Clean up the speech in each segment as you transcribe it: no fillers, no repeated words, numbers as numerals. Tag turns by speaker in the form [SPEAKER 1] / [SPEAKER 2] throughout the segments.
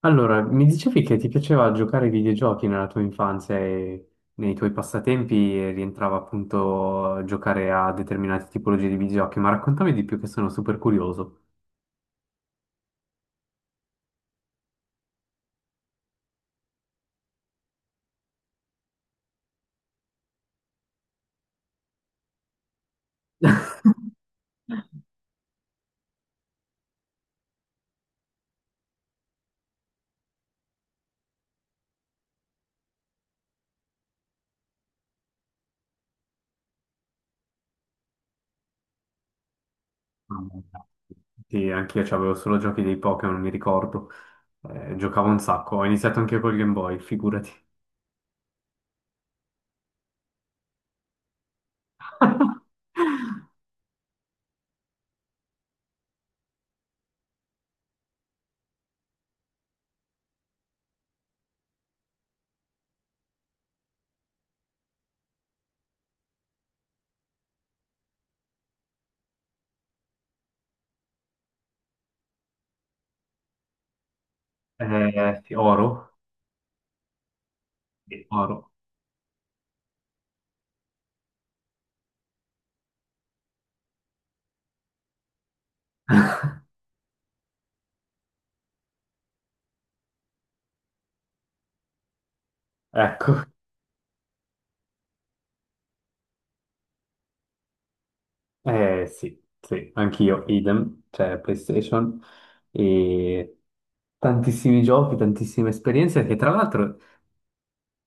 [SPEAKER 1] Allora, mi dicevi che ti piaceva giocare ai videogiochi nella tua infanzia e nei tuoi passatempi e rientrava appunto giocare a determinate tipologie di videogiochi, ma raccontami di più che sono super curioso. Mamma mia. Sì, anch'io avevo solo giochi dei Pokémon, mi ricordo. Giocavo un sacco, ho iniziato anche col Game Boy, figurati. Sì, oro? Sì. Oro. Ecco. Eh sì, sì, anch'io, idem, cioè PlayStation e tantissimi giochi, tantissime esperienze che tra l'altro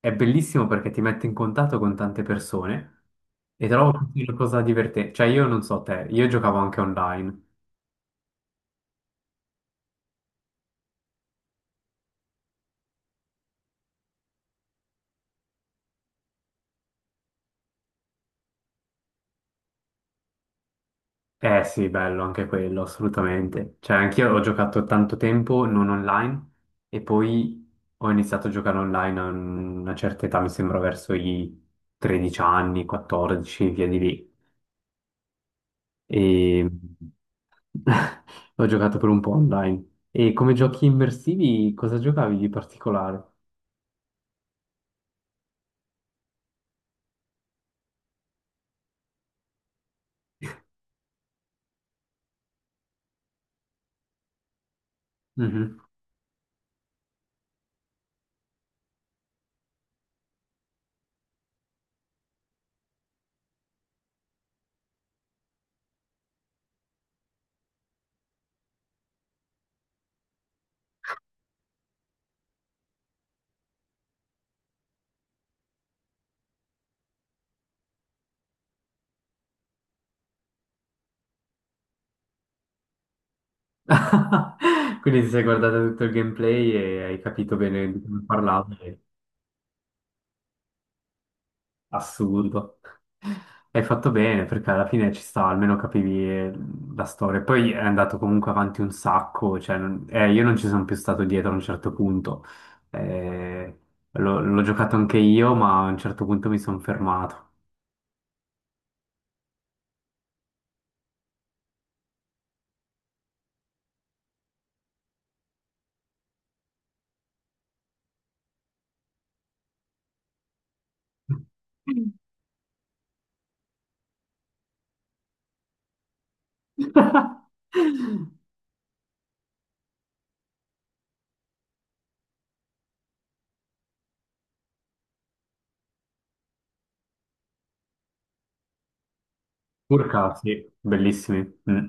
[SPEAKER 1] è bellissimo perché ti mette in contatto con tante persone e trovo così una cosa divertente. Cioè io non so te, io giocavo anche online. Eh sì, bello anche quello, assolutamente. Cioè anch'io ho giocato tanto tempo non online e poi ho iniziato a giocare online a una certa età, mi sembra verso i 13 anni, 14, via di lì. E ho giocato per un po' online. E come giochi immersivi, cosa giocavi di particolare? Mhm. Quindi ti sei guardato tutto il gameplay e hai capito bene di come parlavo. È Assurdo. Hai fatto bene perché alla fine ci sta, almeno capivi la storia. Poi è andato comunque avanti un sacco, cioè, io non ci sono più stato dietro a un certo punto. Eh, l'ho giocato anche io, ma a un certo punto mi sono fermato. Urcati, bellissimi. Mm.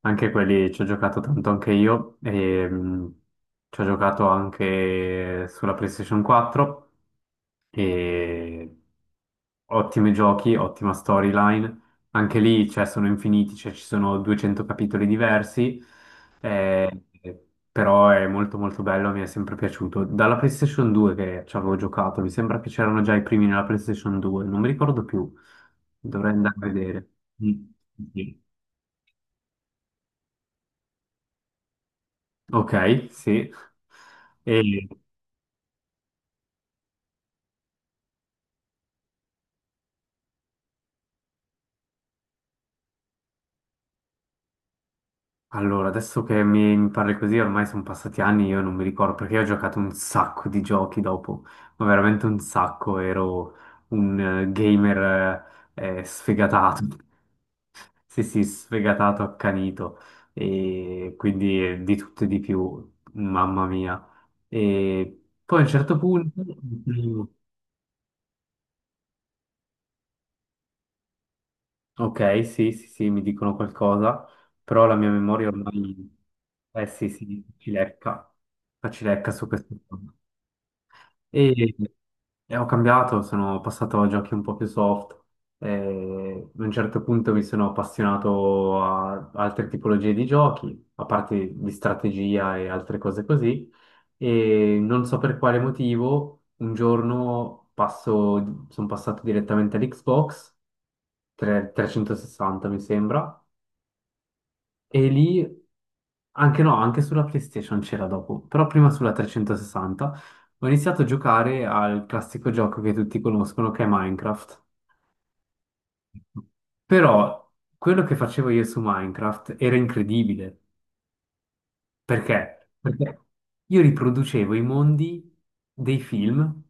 [SPEAKER 1] Anche quelli ci ho giocato tanto anche io e ci ho giocato anche sulla PlayStation 4. E ottimi giochi, ottima storyline. Anche lì, cioè, sono infiniti, cioè, ci sono 200 capitoli diversi, eh, però è molto molto bello, mi è sempre piaciuto. Dalla PlayStation 2 che ci avevo giocato, mi sembra che c'erano già i primi nella PlayStation 2, non mi ricordo più, dovrei andare a vedere. Mm. Sì. Ok, sì. E, Allora, adesso che mi parli così, ormai sono passati anni, io non mi ricordo perché io ho giocato un sacco di giochi dopo, ma veramente un sacco, ero un gamer, sfegatato, sì sì, sfegatato, accanito, e quindi di tutto e di più, mamma mia. E poi a un certo punto, mm, ok, sì sì sì, mi dicono qualcosa, però la mia memoria ormai, eh sì sì, ci lecca su questo. E, e ho cambiato, sono passato a giochi un po' più soft. E a un certo punto mi sono appassionato a altre tipologie di giochi, a parte di strategia e altre cose così. E non so per quale motivo, un giorno passo, sono passato direttamente all'Xbox 360, mi sembra, e lì, anche no, anche sulla PlayStation c'era dopo, però prima sulla 360 ho iniziato a giocare al classico gioco che tutti conoscono, che è Minecraft. Però quello che facevo io su Minecraft era incredibile. Perché? Perché io riproducevo i mondi dei film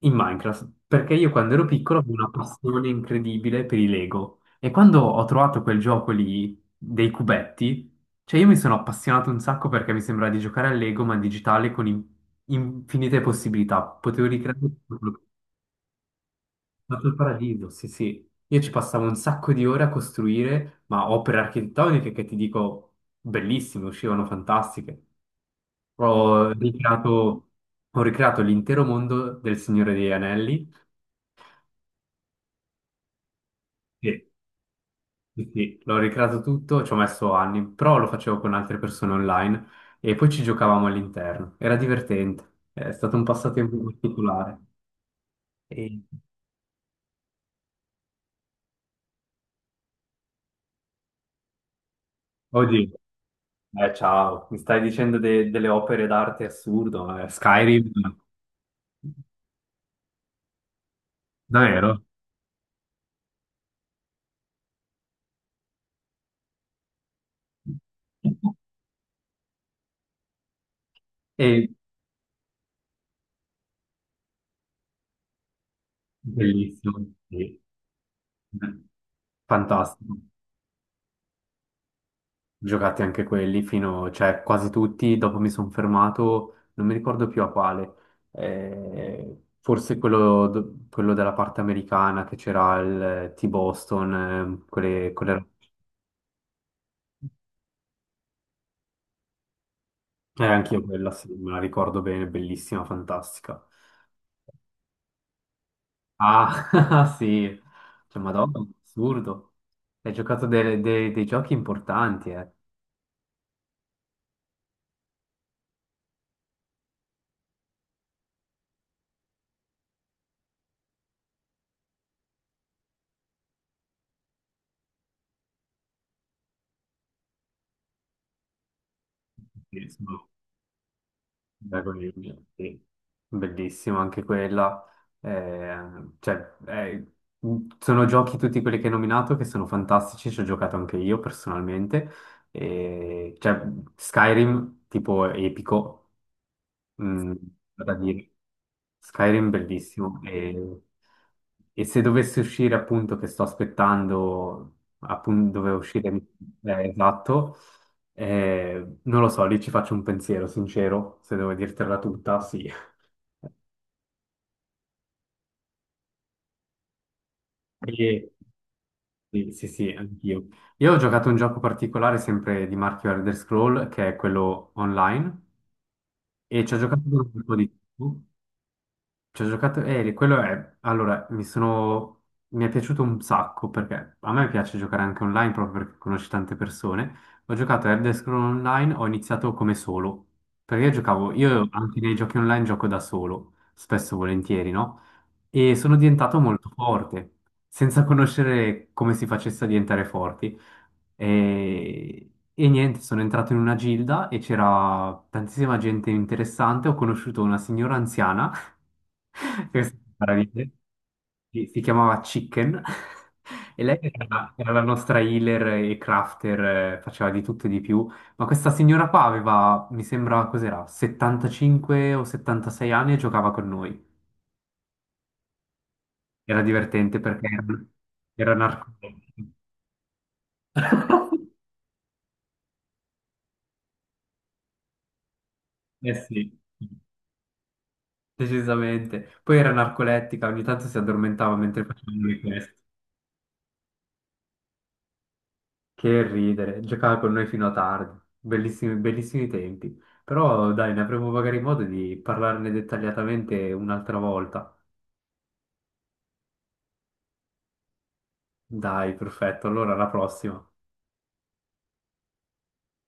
[SPEAKER 1] in Minecraft, perché io quando ero piccolo avevo una passione incredibile per i Lego e quando ho trovato quel gioco lì dei cubetti, cioè io mi sono appassionato un sacco perché mi sembra di giocare a Lego ma in digitale con infinite possibilità, potevo ricreare tutto il paradiso, sì sì, io ci passavo un sacco di ore a costruire, ma opere architettoniche che ti dico bellissime, uscivano fantastiche. Ho ricreato, ho ricreato l'intero mondo del Signore degli Anelli. Sì, sì, l'ho ricreato tutto, ci ho messo anni, però lo facevo con altre persone online e poi ci giocavamo all'interno. Era divertente, è stato un passatempo particolare. E... Oddio, ciao, mi stai dicendo delle opere d'arte assurdo, Skyrim, davvero? È bellissimo, sì. Fantastico. Giocati anche quelli fino, cioè quasi tutti, dopo mi sono fermato, non mi ricordo più a quale. Forse quello, quello della parte americana che c'era il T-Boston, quelle, quelle... anch'io quella, sì, me la ricordo bene, bellissima, fantastica. Ah, sì, cioè, Madonna, assurdo. Hai giocato dei giochi importanti, eh. Sì, sì. Beh, sì. Bellissimo anche quella. Cioè, sono giochi tutti quelli che hai nominato che sono fantastici, ci ho giocato anche io personalmente. E, cioè, Skyrim tipo epico. Mm, da dire. Skyrim bellissimo e se dovesse uscire appunto, che sto aspettando appunto dove uscire, esatto, non lo so, lì ci faccio un pensiero sincero, se devo dirtela tutta, sì. E- sì, sì, sì, anch'io. Io ho giocato un gioco particolare sempre di marchio Elder Scroll che è quello online e ci ho giocato per un po' di tempo. Ci ho giocato, quello è, allora, mi sono, mi è piaciuto un sacco perché a me piace giocare anche online proprio perché conosci tante persone. Ho giocato a Elder Scrolls Online, ho iniziato come solo, perché io giocavo, io anche nei giochi online gioco da solo, spesso e volentieri, no? E sono diventato molto forte, senza conoscere come si facesse a diventare forti. E niente, sono entrato in una gilda e c'era tantissima gente interessante, ho conosciuto una signora anziana, questa è una meraviglia. Sì, si chiamava Chicken, e lei era la nostra healer e crafter, faceva di tutto e di più, ma questa signora qua aveva, mi sembra, cos'era, 75 o 76 anni e giocava con noi. Era divertente perché era narcolettica. Eh sì, decisamente. Poi era narcolettica, ogni tanto si addormentava mentre facevamo le quest. Che ridere, giocava con noi fino a tardi, bellissimi, bellissimi tempi. Però dai, ne avremo magari modo di parlarne dettagliatamente un'altra volta. Dai, perfetto, allora alla prossima.